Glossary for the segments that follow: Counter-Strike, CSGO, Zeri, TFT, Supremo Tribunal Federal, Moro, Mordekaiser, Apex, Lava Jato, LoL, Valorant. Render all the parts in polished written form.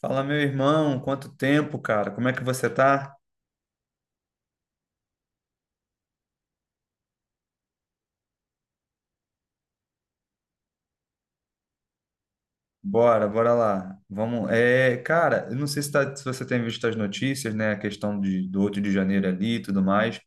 Fala, meu irmão, quanto tempo, cara? Como é que você tá? Bora, bora lá. Vamos. É, cara, eu não sei se você tem visto as notícias, né? A questão do 8 de janeiro ali e tudo mais.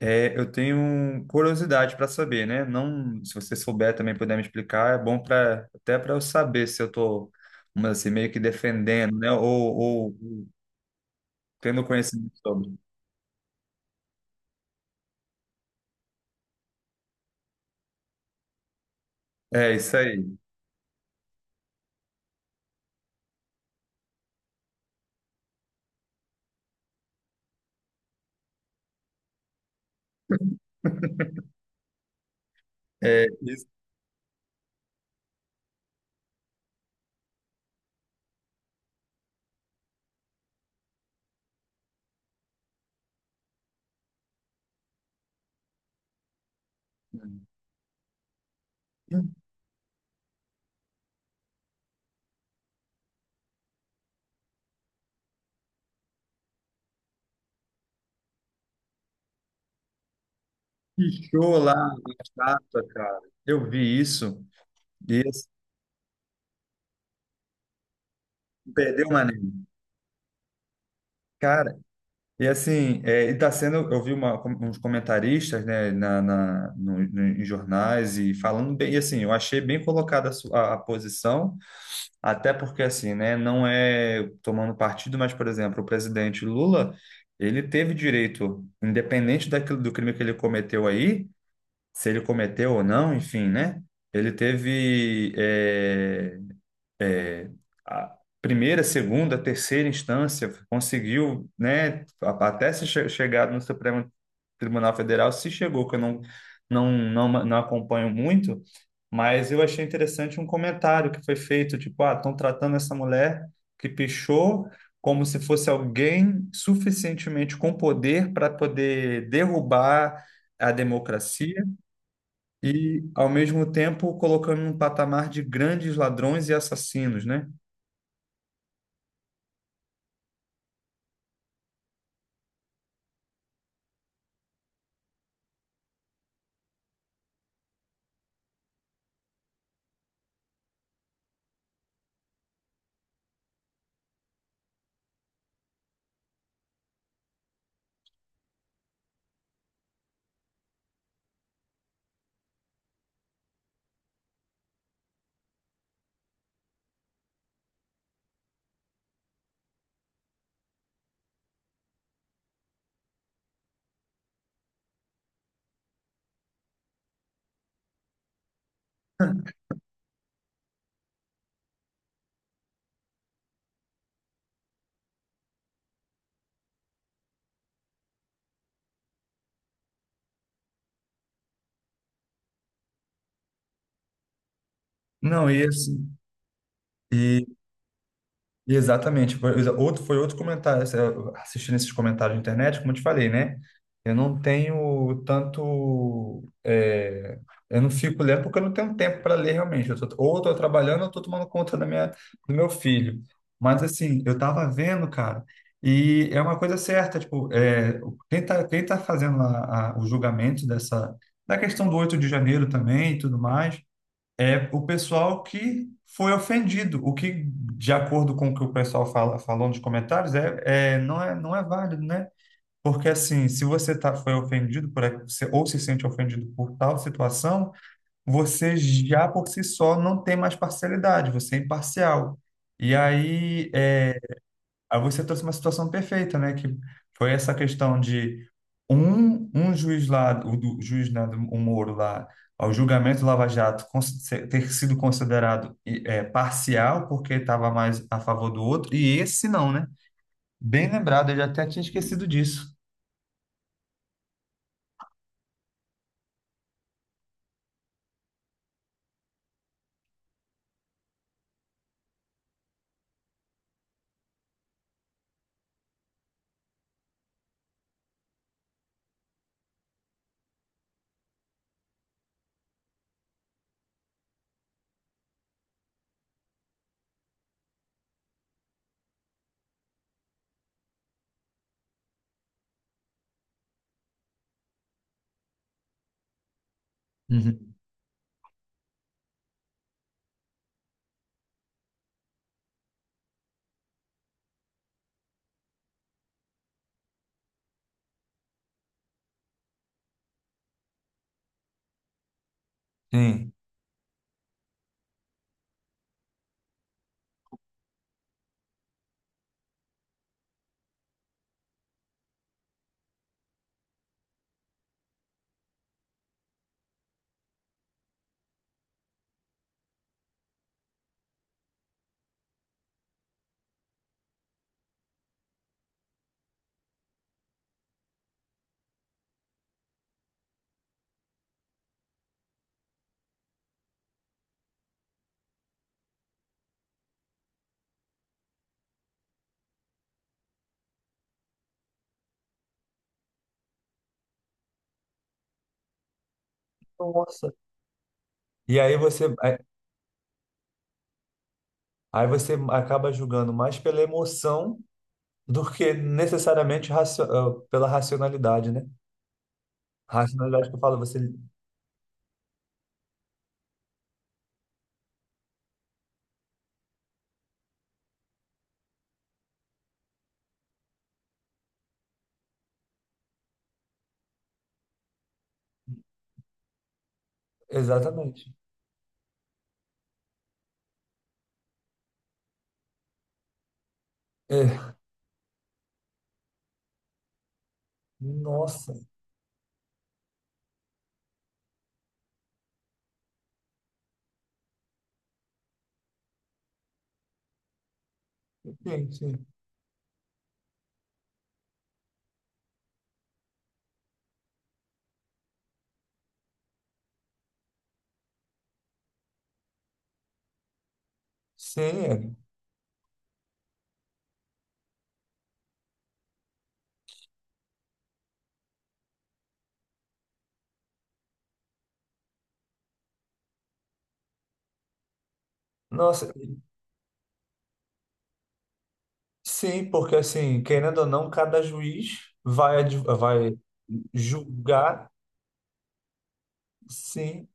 É, eu tenho curiosidade para saber, né? Não, se você souber também puder me explicar, é bom para até para eu saber se eu tô, vamos dizer assim, meio que defendendo, né? Ou tendo conhecimento sobre. É isso aí. É isso. Pichou lá na estátua, cara. Eu vi isso. E assim, perdeu o maneiro. Cara, e assim, é, e tá sendo, eu vi uns comentaristas, né, em jornais e falando bem, e assim, eu achei bem colocada a posição, até porque assim, né, não é tomando partido, mas, por exemplo, o presidente Lula, ele teve direito, independente daquilo, do crime que ele cometeu aí, se ele cometeu ou não, enfim, né, ele teve é, a primeira, segunda, terceira instância conseguiu, né, até se chegar no Supremo Tribunal Federal, se chegou, que eu não acompanho muito, mas eu achei interessante um comentário que foi feito, tipo, ah, estão tratando essa mulher que pichou como se fosse alguém suficientemente com poder para poder derrubar a democracia e, ao mesmo tempo, colocando num patamar de grandes ladrões e assassinos, né? Não, e assim, e, e exatamente, foi outro comentário, assim, eu assistindo esses comentários na internet, como eu te falei, né? Eu não tenho tanto, é, eu não fico lendo porque eu não tenho tempo para ler realmente, eu tô, ou eu tô trabalhando ou eu tô tomando conta do meu filho. Mas assim, eu tava vendo, cara, e é uma coisa certa, tipo, é, quem tá fazendo lá o julgamento da questão do 8 de janeiro também e tudo mais, é o pessoal que foi ofendido. O que, de acordo com o que o pessoal fala, falou nos comentários, não é válido, né? Porque assim, se você foi ofendido por, a- se- ou se sente ofendido por tal situação, você já por si só não tem mais parcialidade, você é imparcial. E aí, é, Aí você trouxe uma situação perfeita, né? Que foi essa questão de um juiz lá, o juiz, né, o Moro lá, ao julgamento do Lava Jato ter sido considerado parcial, porque estava mais a favor do outro, e esse não, né? Bem lembrado, eu já até tinha esquecido disso. Uhum. Sim. Nossa. E aí você, aí aí você acaba julgando mais pela emoção do que necessariamente pela racionalidade, né? Racionalidade que eu falo, você. Exatamente. É, nossa, sim, sim. Sim, é. Nossa, sim, porque assim, querendo ou não, cada juiz vai julgar, sim,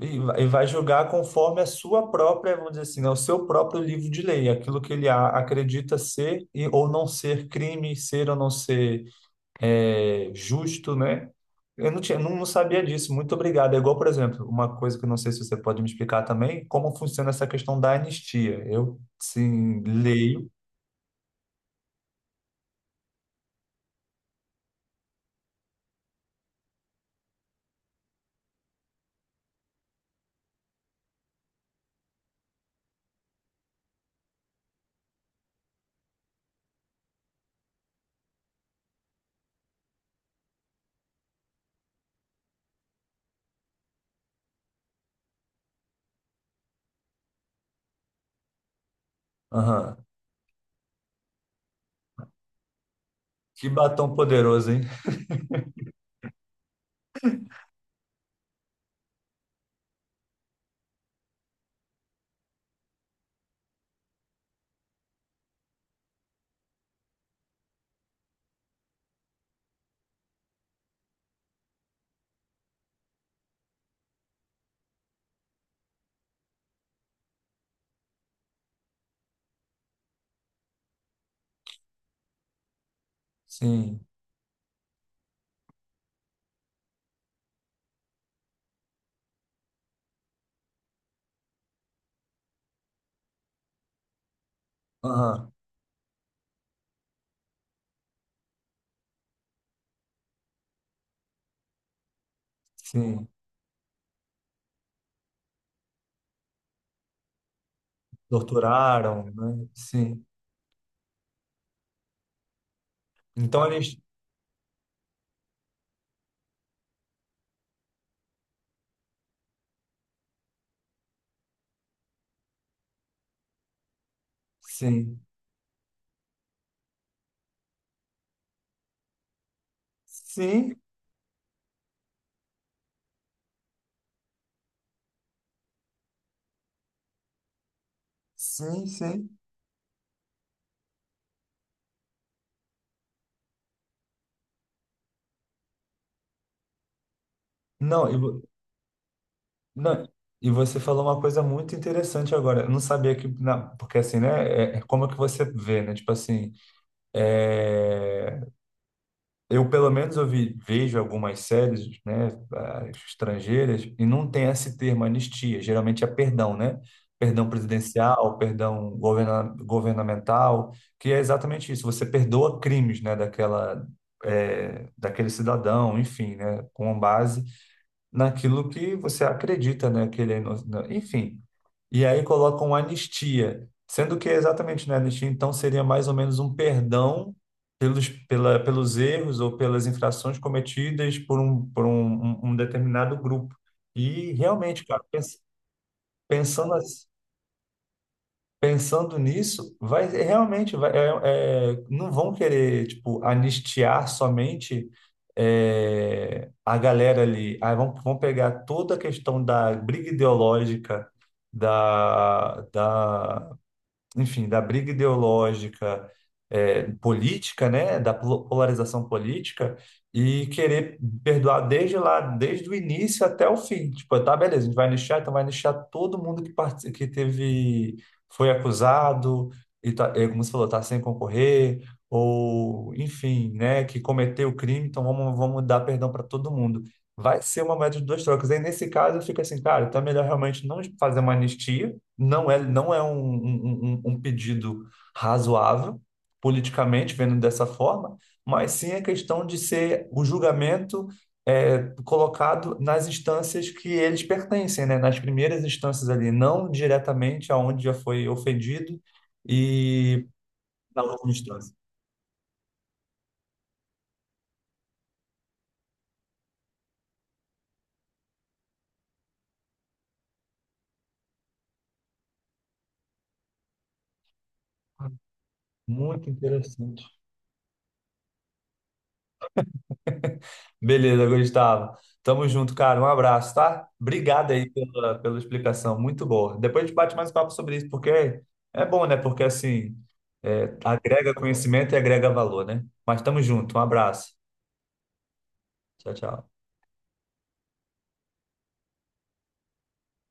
e vai julgar conforme a sua própria, vamos dizer assim, né, o seu próprio livro de lei, aquilo que ele acredita ser ou não ser crime, ser ou não ser justo, né? Eu não tinha, não sabia disso. Muito obrigado. É igual, por exemplo, uma coisa que eu não sei se você pode me explicar também, como funciona essa questão da anistia. Eu, sim, leio. Aham. Que batom poderoso, hein? Sim. Aham. Sim. Torturaram, né? Sim. Então eles. Sim. Sim. Sim, sim. Não, não, e você falou uma coisa muito interessante agora. Eu não sabia que. Porque assim, né? É, é como é que você vê, né? Tipo assim. É, eu pelo menos eu vejo algumas séries, né, ah, estrangeiras e não tem esse termo anistia, geralmente é perdão, né? Perdão presidencial, perdão governamental, que é exatamente isso. Você perdoa crimes, né, daquele cidadão, enfim, né, com base naquilo que você acredita, né, que ele é enfim, e aí colocam anistia, sendo que é exatamente, né, anistia então seria mais ou menos um perdão pelos erros ou pelas infrações cometidas por um determinado grupo. E realmente, cara, pensando, as- pensando nisso, vai é, realmente vai, não vão querer tipo anistiar somente é, a galera ali. Aí vão pegar toda a questão da briga ideológica da enfim, da briga ideológica, política, né, da polarização política e querer perdoar desde lá, desde o início até o fim. Tipo, tá, beleza, a gente vai nichar, então vai nichar todo mundo que teve, foi acusado e tá, como você falou, tá sem concorrer ou, enfim, né, que cometeu o crime, então vamos dar perdão para todo mundo. Vai ser uma média de duas trocas. Aí, nesse caso, eu fico assim, cara, então é melhor realmente não fazer uma anistia, não é um pedido razoável, politicamente, vendo dessa forma, mas sim a questão de ser o julgamento colocado nas instâncias que eles pertencem, né? Nas primeiras instâncias ali, não diretamente aonde já foi ofendido e na última instância. Muito interessante. Beleza, Gustavo. Tamo junto, cara. Um abraço, tá? Obrigado aí pela explicação. Muito boa. Depois a gente bate mais papo sobre isso, porque é bom, né? Porque assim, agrega conhecimento e agrega valor, né? Mas tamo junto. Um abraço. Tchau, tchau.